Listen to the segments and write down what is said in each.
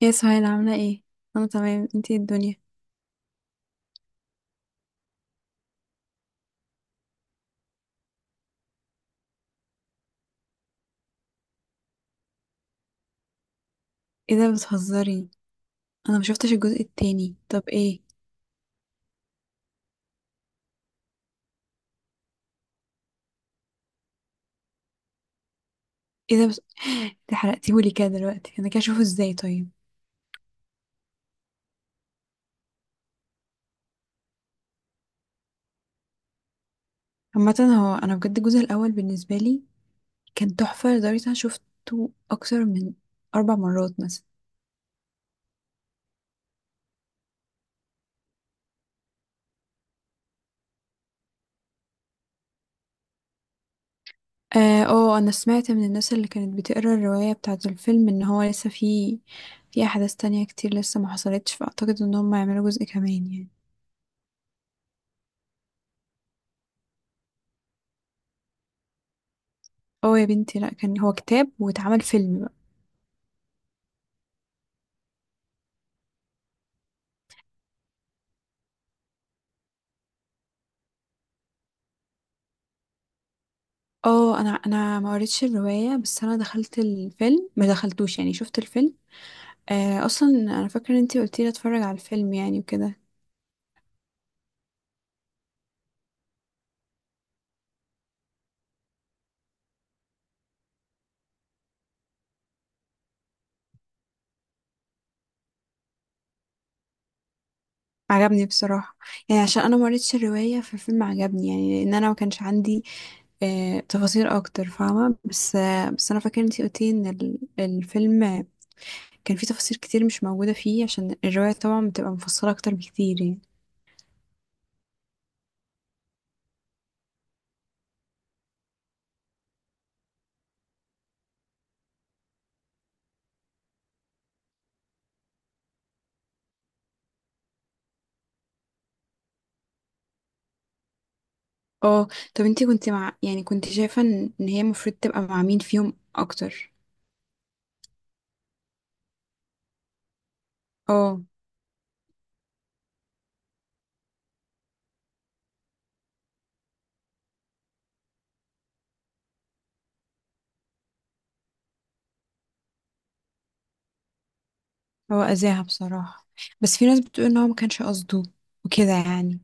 يا سهيل، عاملة ايه؟ انا تمام، انتي إيه الدنيا؟ ايه ده، بتهزري؟ انا ما شفتش الجزء التاني، طب ايه؟ ايه ده. انت حرقتيهولي كده دلوقتي، انا كده اشوفه ازاي طيب؟ عامة هو انا بجد الجزء الاول بالنسبة لي كان تحفة، لدرجة انا شفته اكتر من 4 مرات مثلا. اه، انا سمعت من الناس اللي كانت بتقرا الرواية بتاعة الفيلم ان هو لسه في احداث تانية كتير لسه ما حصلتش، فاعتقد ان هم يعملوا جزء كمان يعني. اه يا بنتي، لا كان هو كتاب واتعمل فيلم بقى. اه، انا ما قريتش الروايه، بس انا دخلت الفيلم ما دخلتوش يعني، شفت الفيلم. اصلا انا فاكره ان انتي قلتي لي اتفرج على الفيلم يعني وكده. عجبني بصراحه، يعني عشان انا ما قريتش الروايه فالفيلم عجبني، يعني لان انا ما كانش عندي تفاصيل اكتر، فاهمه؟ بس بس انا فاكره ان انتي قلتي ان الفيلم كان فيه تفاصيل كتير مش موجوده فيه، عشان الروايه طبعا بتبقى مفصله اكتر بكتير يعني. اه، طب انتي كنت مع، يعني كنت شايفه إن هي المفروض تبقى مع مين فيهم اكتر؟ اه، هو أذاها بصراحة، بس في ناس بتقول ان هو ما كانش قصده وكده يعني.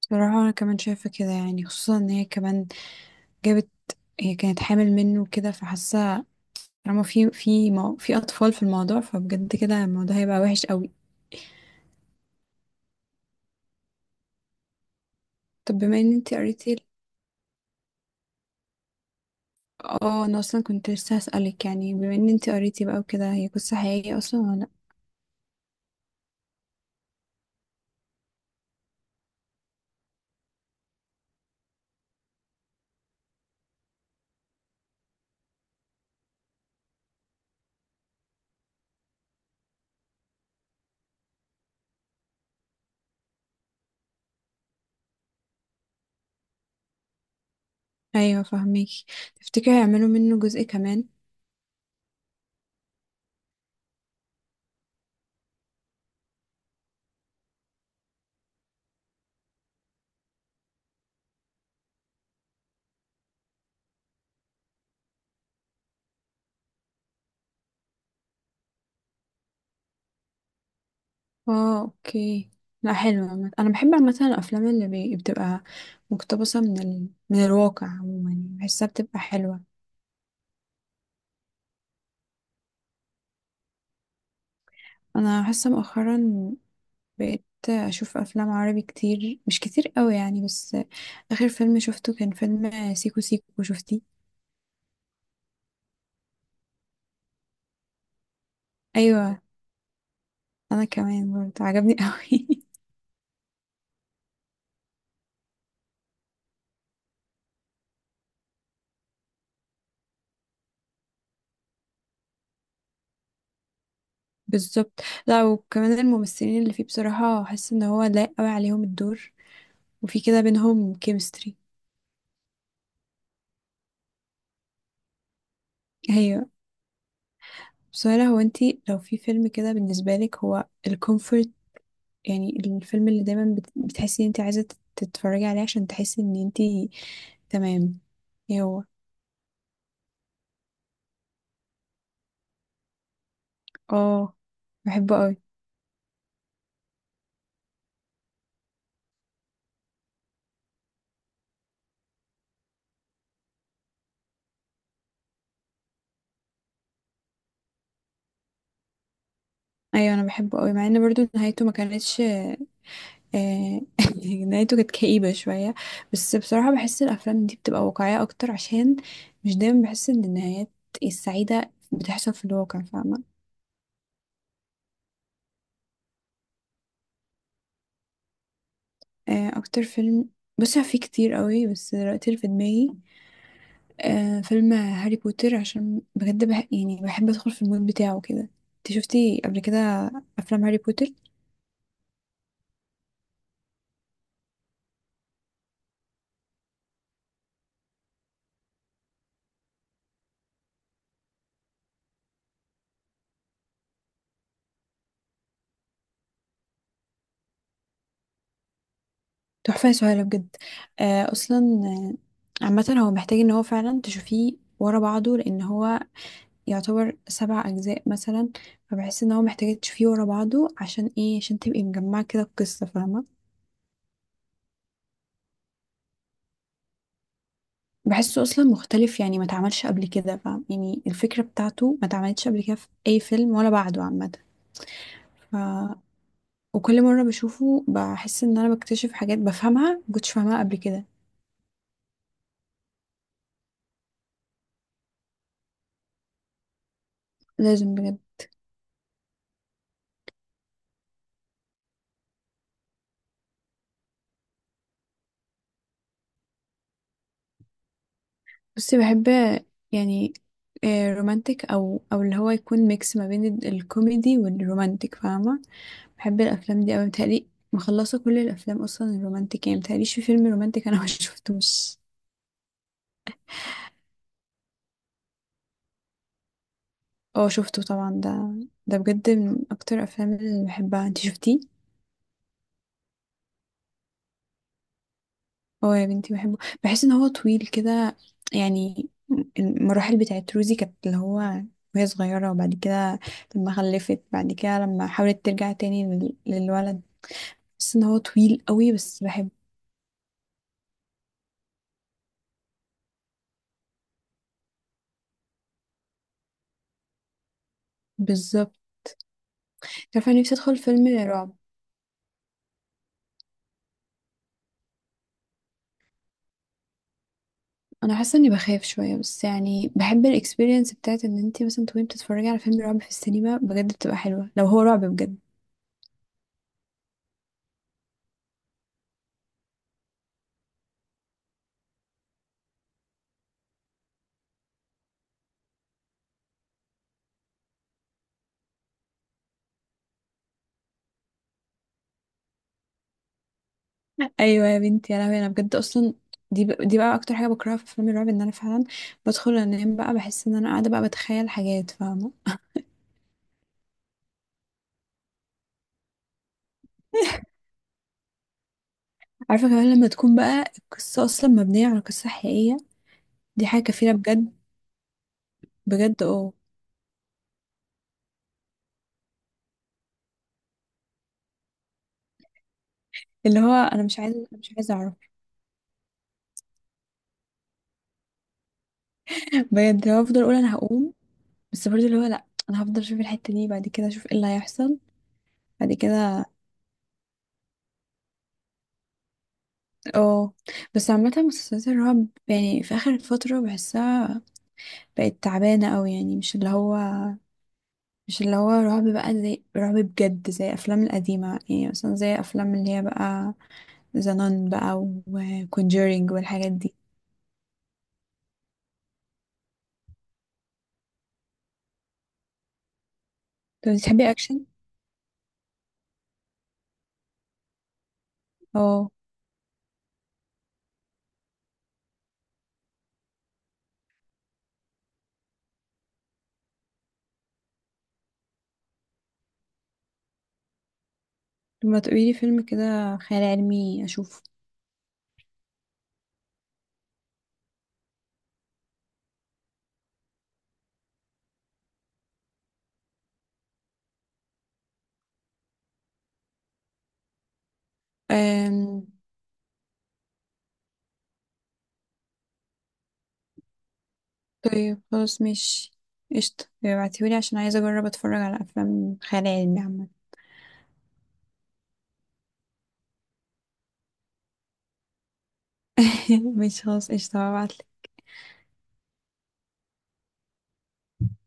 بصراحة انا كمان شايفة كده، يعني خصوصا ان هي كمان جابت، هي كانت حامل منه وكده، فحاسة طالما في في اطفال في الموضوع، فبجد كده الموضوع هيبقى وحش قوي. طب بما ان انتي قريتي. اه، انا اصلا كنت لسه هسألك، يعني بما ان انتي قريتي بقى وكده، هي قصة حقيقية اصلا ولا لأ؟ ايوه فهميكي. تفتكري هيعملوا منه جزء كمان؟ اه، اوكي. لا، حلوة عامة. انا بحب عامة الافلام اللي بتبقى مقتبسة من من الواقع عموما يعني. بحسها بتبقى حلوة. انا حاسة مؤخرا بقيت اشوف افلام عربي كتير، مش كتير قوي يعني، بس اخر فيلم شفته كان فيلم سيكو سيكو. شفتيه؟ ايوه، انا كمان برضه عجبني قوي. بالظبط. لا، وكمان الممثلين اللي فيه بصراحة حاسة ان هو لايق قوي عليهم الدور، وفي كده بينهم كيمستري. ايوه. سهلا، هو انتي لو في فيلم كده بالنسبة لك هو الكومفورت، يعني الفيلم اللي دايما بتحسي ان انتي عايزة تتفرجي عليه عشان تحسي ان انتي تمام. ايه هو؟ اه، بحبه قوي. ايوه، انا بحبه قوي، مع ان برضو نهايته ما كانتش نهايته كانت كئيبة شوية. بس بصراحة بحس الافلام دي بتبقى واقعية اكتر، عشان مش دايما بحس ان النهايات السعيدة بتحصل في الواقع، فاهمة؟ اكتر فيلم، بصي هو في كتير قوي بس دلوقتي اللي في دماغي فيلم هاري بوتر، عشان بجد يعني بحب ادخل في المود بتاعه كده. انت شفتي قبل كده افلام هاري بوتر؟ تحفه يا سهيله بجد. اصلا آه، عامه هو محتاج ان هو فعلا تشوفيه ورا بعضه، لان هو يعتبر 7 اجزاء مثلا. فبحس ان هو محتاج تشوفيه ورا بعضه، عشان ايه؟ عشان تبقي مجمعه كده القصه، فاهمه؟ بحسه اصلا مختلف، يعني ما اتعملش قبل كده، فاهم؟ يعني الفكره بتاعته ما اتعملتش قبل كده في اي فيلم ولا بعده عامه. وكل مرة بشوفه بحس ان انا بكتشف حاجات بفهمها مكنتش فاهمها قبل كده. لازم بجد. بس بحب يعني رومانتك، او اللي هو يكون ميكس ما بين الكوميدي والرومانتك، فاهمة؟ بحب الافلام دي اوي. متهيألي مخلصة كل الافلام اصلا الرومانتك، يعني متهيأليش في فيلم رومانتك انا ما شفتوش. اه شفته طبعا ده بجد من اكتر الافلام اللي بحبها. انت شفتيه؟ هو يا بنتي بحبه، بحس ان هو طويل كده. يعني المراحل بتاعت روزي كانت اللي هو وهي صغيرة، وبعد كده لما خلفت، بعد كده لما حاولت ترجع تاني للولد. بحس ان هو طويل قوي بس بحب. بالظبط. عارفة، أنا نفسي ادخل فيلم رعب. انا حاسة اني بخاف شوية، بس يعني بحب الاكسبيرينس بتاعت ان انتي مثلا تكوني بتتفرجي على فيلم رعب في السينما. بجد بتبقى حلوة لو هو رعب بجد. ايوه يا بنتي، يا لهوي، انا بجد اصلا دي دي بقى اكتر حاجه بكرهها في افلام الرعب، ان انا فعلا بدخل انام بقى بحس ان انا قاعده بقى بتخيل حاجات، فاهمه؟ عارفه. كمان لما تكون بقى القصه اصلا مبنيه على قصه حقيقيه، دي حاجه كفيله بجد بجد. اه. اللي هو انا مش عايزه أنا مش عايزه اعرف. بجد اللي هو افضل اقول انا هقوم، بس برضه اللي هو، لا انا هفضل اشوف الحته دي، بعد كده اشوف ايه اللي هيحصل بعد كده. اه. بس عامه مسلسلات الرعب يعني في اخر فتره بحسها بقت تعبانه قوي، يعني مش اللي هو رعب، بقى زي رعب بجد زي الافلام القديمه، يعني مثلا زي افلام اللي هي بقى ذا نان بقى، وكونجورينج والحاجات دي. طب بتحبي اكشن؟ اه، طب ما تقولي لي فيلم كده خيال علمي اشوفه. أم... طيب خلاص مش قشطة، ابعتيهولي عشان عايزة أجرب أتفرج على أفلام خيال علمي عامة. مش خلاص قشطة هبعتلك.